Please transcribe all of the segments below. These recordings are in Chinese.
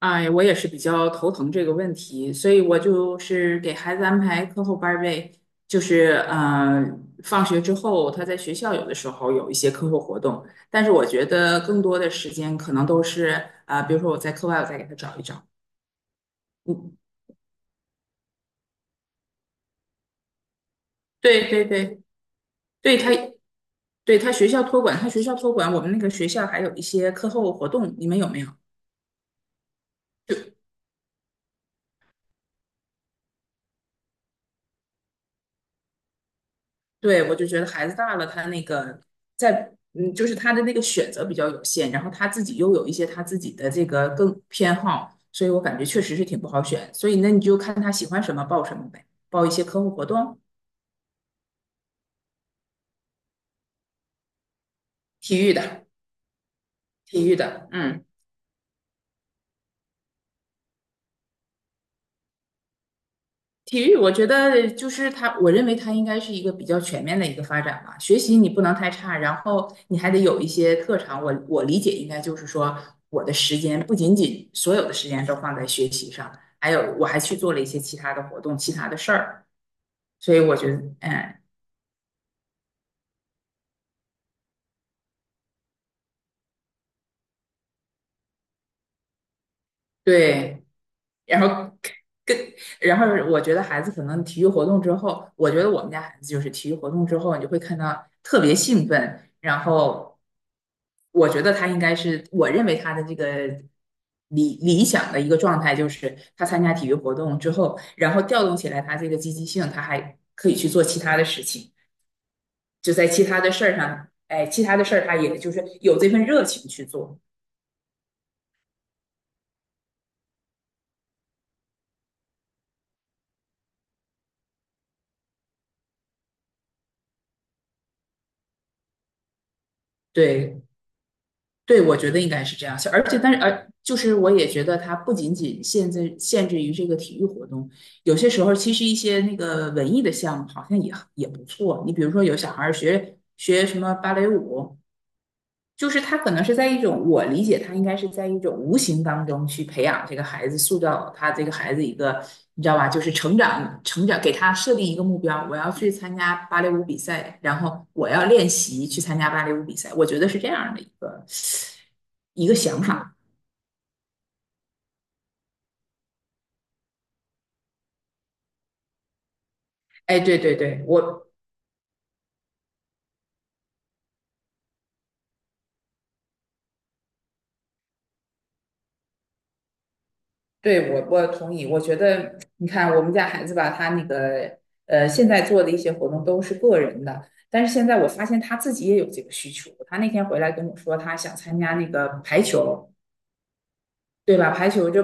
哎，我也是比较头疼这个问题，所以我就是给孩子安排课后班儿呗，就是放学之后他在学校有的时候有一些课后活动，但是我觉得更多的时间可能都是比如说我在课外我再给他找一找，嗯，对对对，对他对他学校托管，我们那个学校还有一些课后活动，你们有没有？对，我就觉得孩子大了，他那个在就是他的那个选择比较有限，然后他自己又有一些他自己的这个更偏好，所以我感觉确实是挺不好选。所以那你就看他喜欢什么报什么呗，报一些课后活动，体育的，体育的，嗯。体育，我觉得就是它，我认为它应该是一个比较全面的一个发展吧。学习你不能太差，然后你还得有一些特长。我理解应该就是说，我的时间不仅仅所有的时间都放在学习上，还有我还去做了一些其他的活动、其他的事儿。所以我觉得，嗯，对。然后跟然后我觉得孩子可能体育活动之后，我觉得我们家孩子就是体育活动之后，你就会看到特别兴奋，然后我觉得他应该是我认为他的这个理想的一个状态，就是他参加体育活动之后，然后调动起来他这个积极性，他还可以去做其他的事情，就在其他的事儿上，哎，其他的事儿他也就是有这份热情去做，对。对，我觉得应该是这样。但是，就是我也觉得它不仅仅限制于这个体育活动，有些时候其实一些那个文艺的项目好像也不错。你比如说，有小孩儿学学什么芭蕾舞，就是他可能是在一种，我理解他应该是在一种无形当中去培养这个孩子，塑造他这个孩子一个，你知道吧？就是成长，成长，给他设定一个目标，我要去参加芭蕾舞比赛，然后我要练习去参加芭蕾舞比赛。我觉得是这样的一个想法。哎，对对对，我同意。我觉得，你看我们家孩子吧，他那个现在做的一些活动都是个人的，但是现在我发现他自己也有这个需求。他那天回来跟我说，他想参加那个排球，对吧？排球就，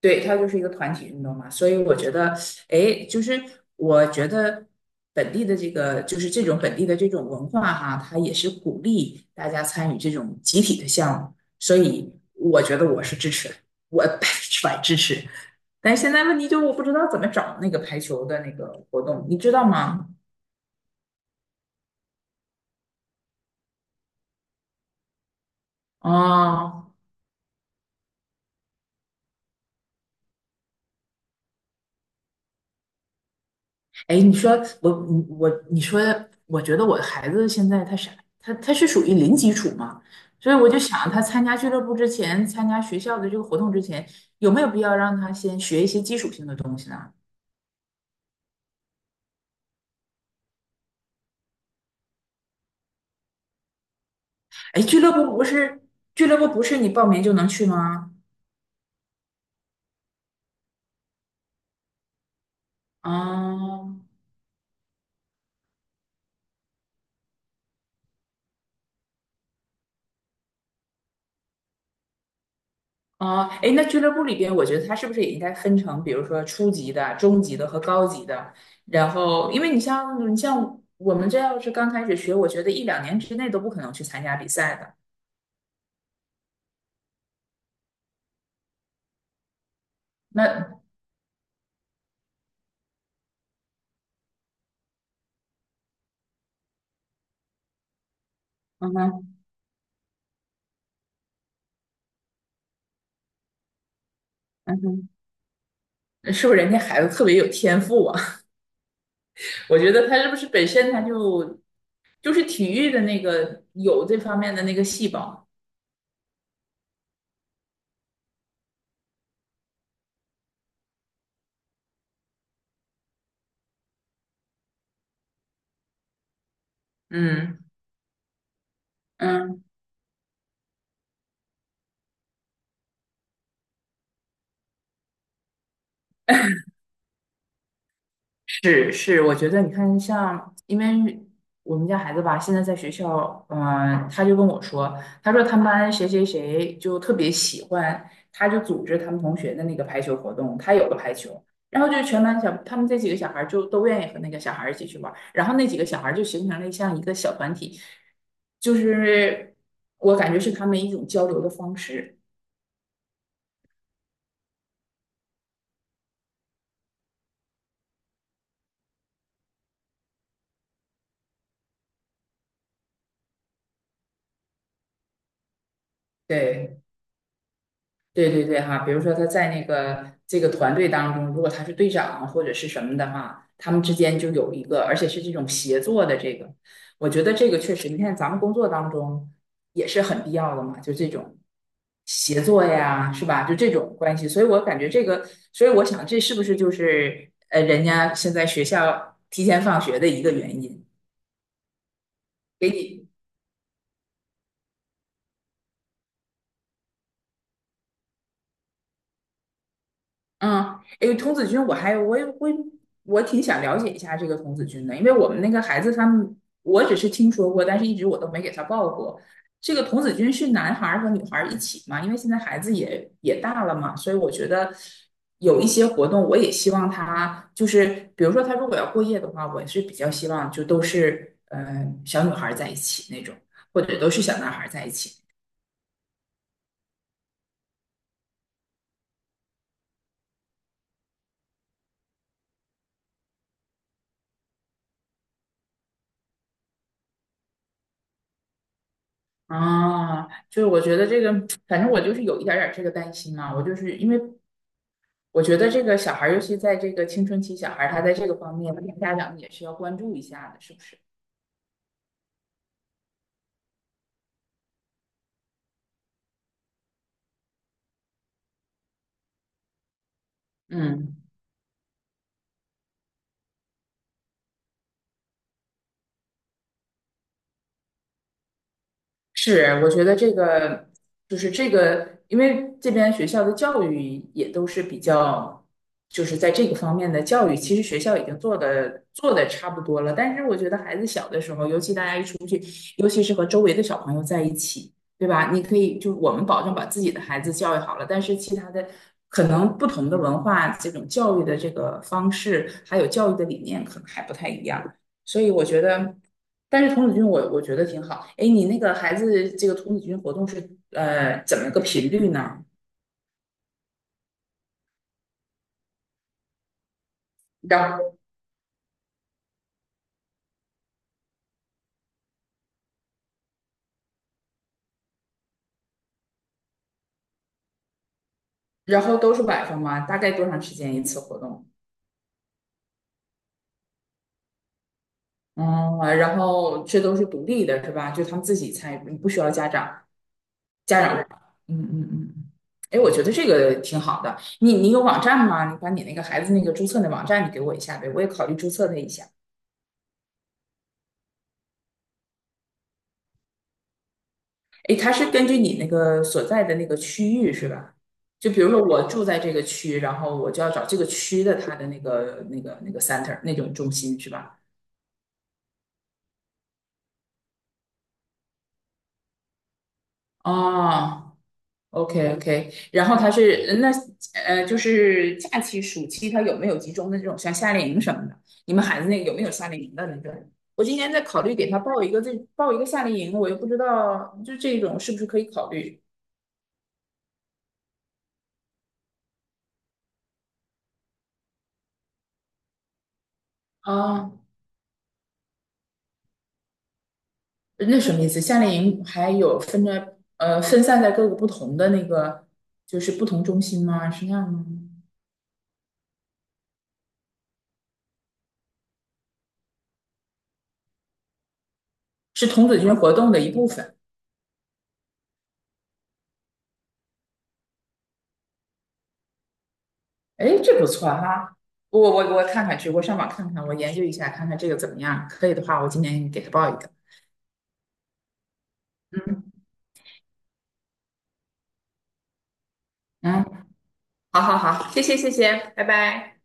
对，他就是一个团体运动嘛。所以我觉得，哎，就是我觉得本地的这个，就是这种本地的这种文化哈，它也是鼓励大家参与这种集体的项目。所以我觉得我是支持的，我100%支持。但现在问题就是我不知道怎么找那个排球的那个活动，你知道吗？哦，哎，你说，我觉得我孩子现在他啥，他他是属于零基础嘛，所以我就想他参加俱乐部之前，参加学校的这个活动之前，有没有必要让他先学一些基础性的东西呢？哎，俱乐部不是你报名就能去吗？啊。啊，哎，那俱乐部里边，我觉得他是不是也应该分成，比如说初级的、中级的和高级的？然后，因为你像我们这要是刚开始学，我觉得一两年之内都不可能去参加比赛的。那，嗯哼，嗯哼，是不是人家孩子特别有天赋啊？我觉得他是不是本身就是体育的那个有这方面的那个细胞？嗯是是，我觉得你看像，因为我们家孩子吧，现在在学校，他就跟我说，他说他们班谁谁谁就特别喜欢，他就组织他们同学的那个排球活动，他有个排球，然后就全班小，他们这几个小孩儿就都愿意和那个小孩儿一起去玩儿然后那几个小孩儿就形成了像一个小团体，就是我感觉是他们一种交流的方式，对。对对对哈，比如说他在那个这个团队当中，如果他是队长或者是什么的话，他们之间就有一个，而且是这种协作的这个，我觉得这个确实，你看咱们工作当中也是很必要的嘛，就这种协作呀，是吧？就这种关系，所以我感觉这个，所以我想这是不是就是人家现在学校提前放学的一个原因，给你嗯，诶，童子军，我还我也我我挺想了解一下这个童子军的，因为我们那个孩子他们，我只是听说过，但是一直我都没给他报过。这个童子军是男孩儿和女孩儿一起嘛？因为现在孩子也大了嘛，所以我觉得有一些活动，我也希望他就是，比如说他如果要过夜的话，我是比较希望就都是小女孩儿在一起那种，或者都是小男孩儿在一起。啊，就是我觉得这个，反正我就是有一点儿这个担心嘛。我就是因为我觉得这个小孩儿尤其在这个青春期小孩儿他在这个方面，家长也是要关注一下的，是不是？嗯。是，我觉得这个就是这个，因为这边学校的教育也都是比较，就是在这个方面的教育，其实学校已经做的差不多了。但是我觉得孩子小的时候，尤其大家一出去，尤其是和周围的小朋友在一起，对吧？你可以就我们保证把自己的孩子教育好了，但是其他的可能不同的文化，这种教育的这个方式，还有教育的理念，可能还不太一样。所以我觉得，但是童子军我觉得挺好。哎，你那个孩子这个童子军活动是怎么个频率呢？然后然后都是晚上吗？大概多长时间一次活动？嗯，然后这都是独立的，是吧？就他们自己参与，不需要家长。嗯嗯嗯。哎，我觉得这个挺好的。你有网站吗？你把你那个孩子那个注册的网站你给我一下呗，我也考虑注册他一下。诶，他是根据你那个所在的那个区域是吧？就比如说我住在这个区，然后我就要找这个区的它的那个 center 那种中心是吧？哦，OK OK，然后他是那就是假期暑期他有没有集中的这种像夏令营什么的？你们孩子那个有没有夏令营的那种？我今年在考虑给他报一个夏令营，我又不知道就这种是不是可以考虑啊？那什么意思？夏令营还有分散在各个不同的那个就是不同中心吗？是那样吗？是童子军活动的一部分。哎，这不错哈！我看看去，我上网看看，我研究一下，看看这个怎么样。可以的话，我今年给他报一个。嗯嗯，好好好，谢谢谢谢，拜拜。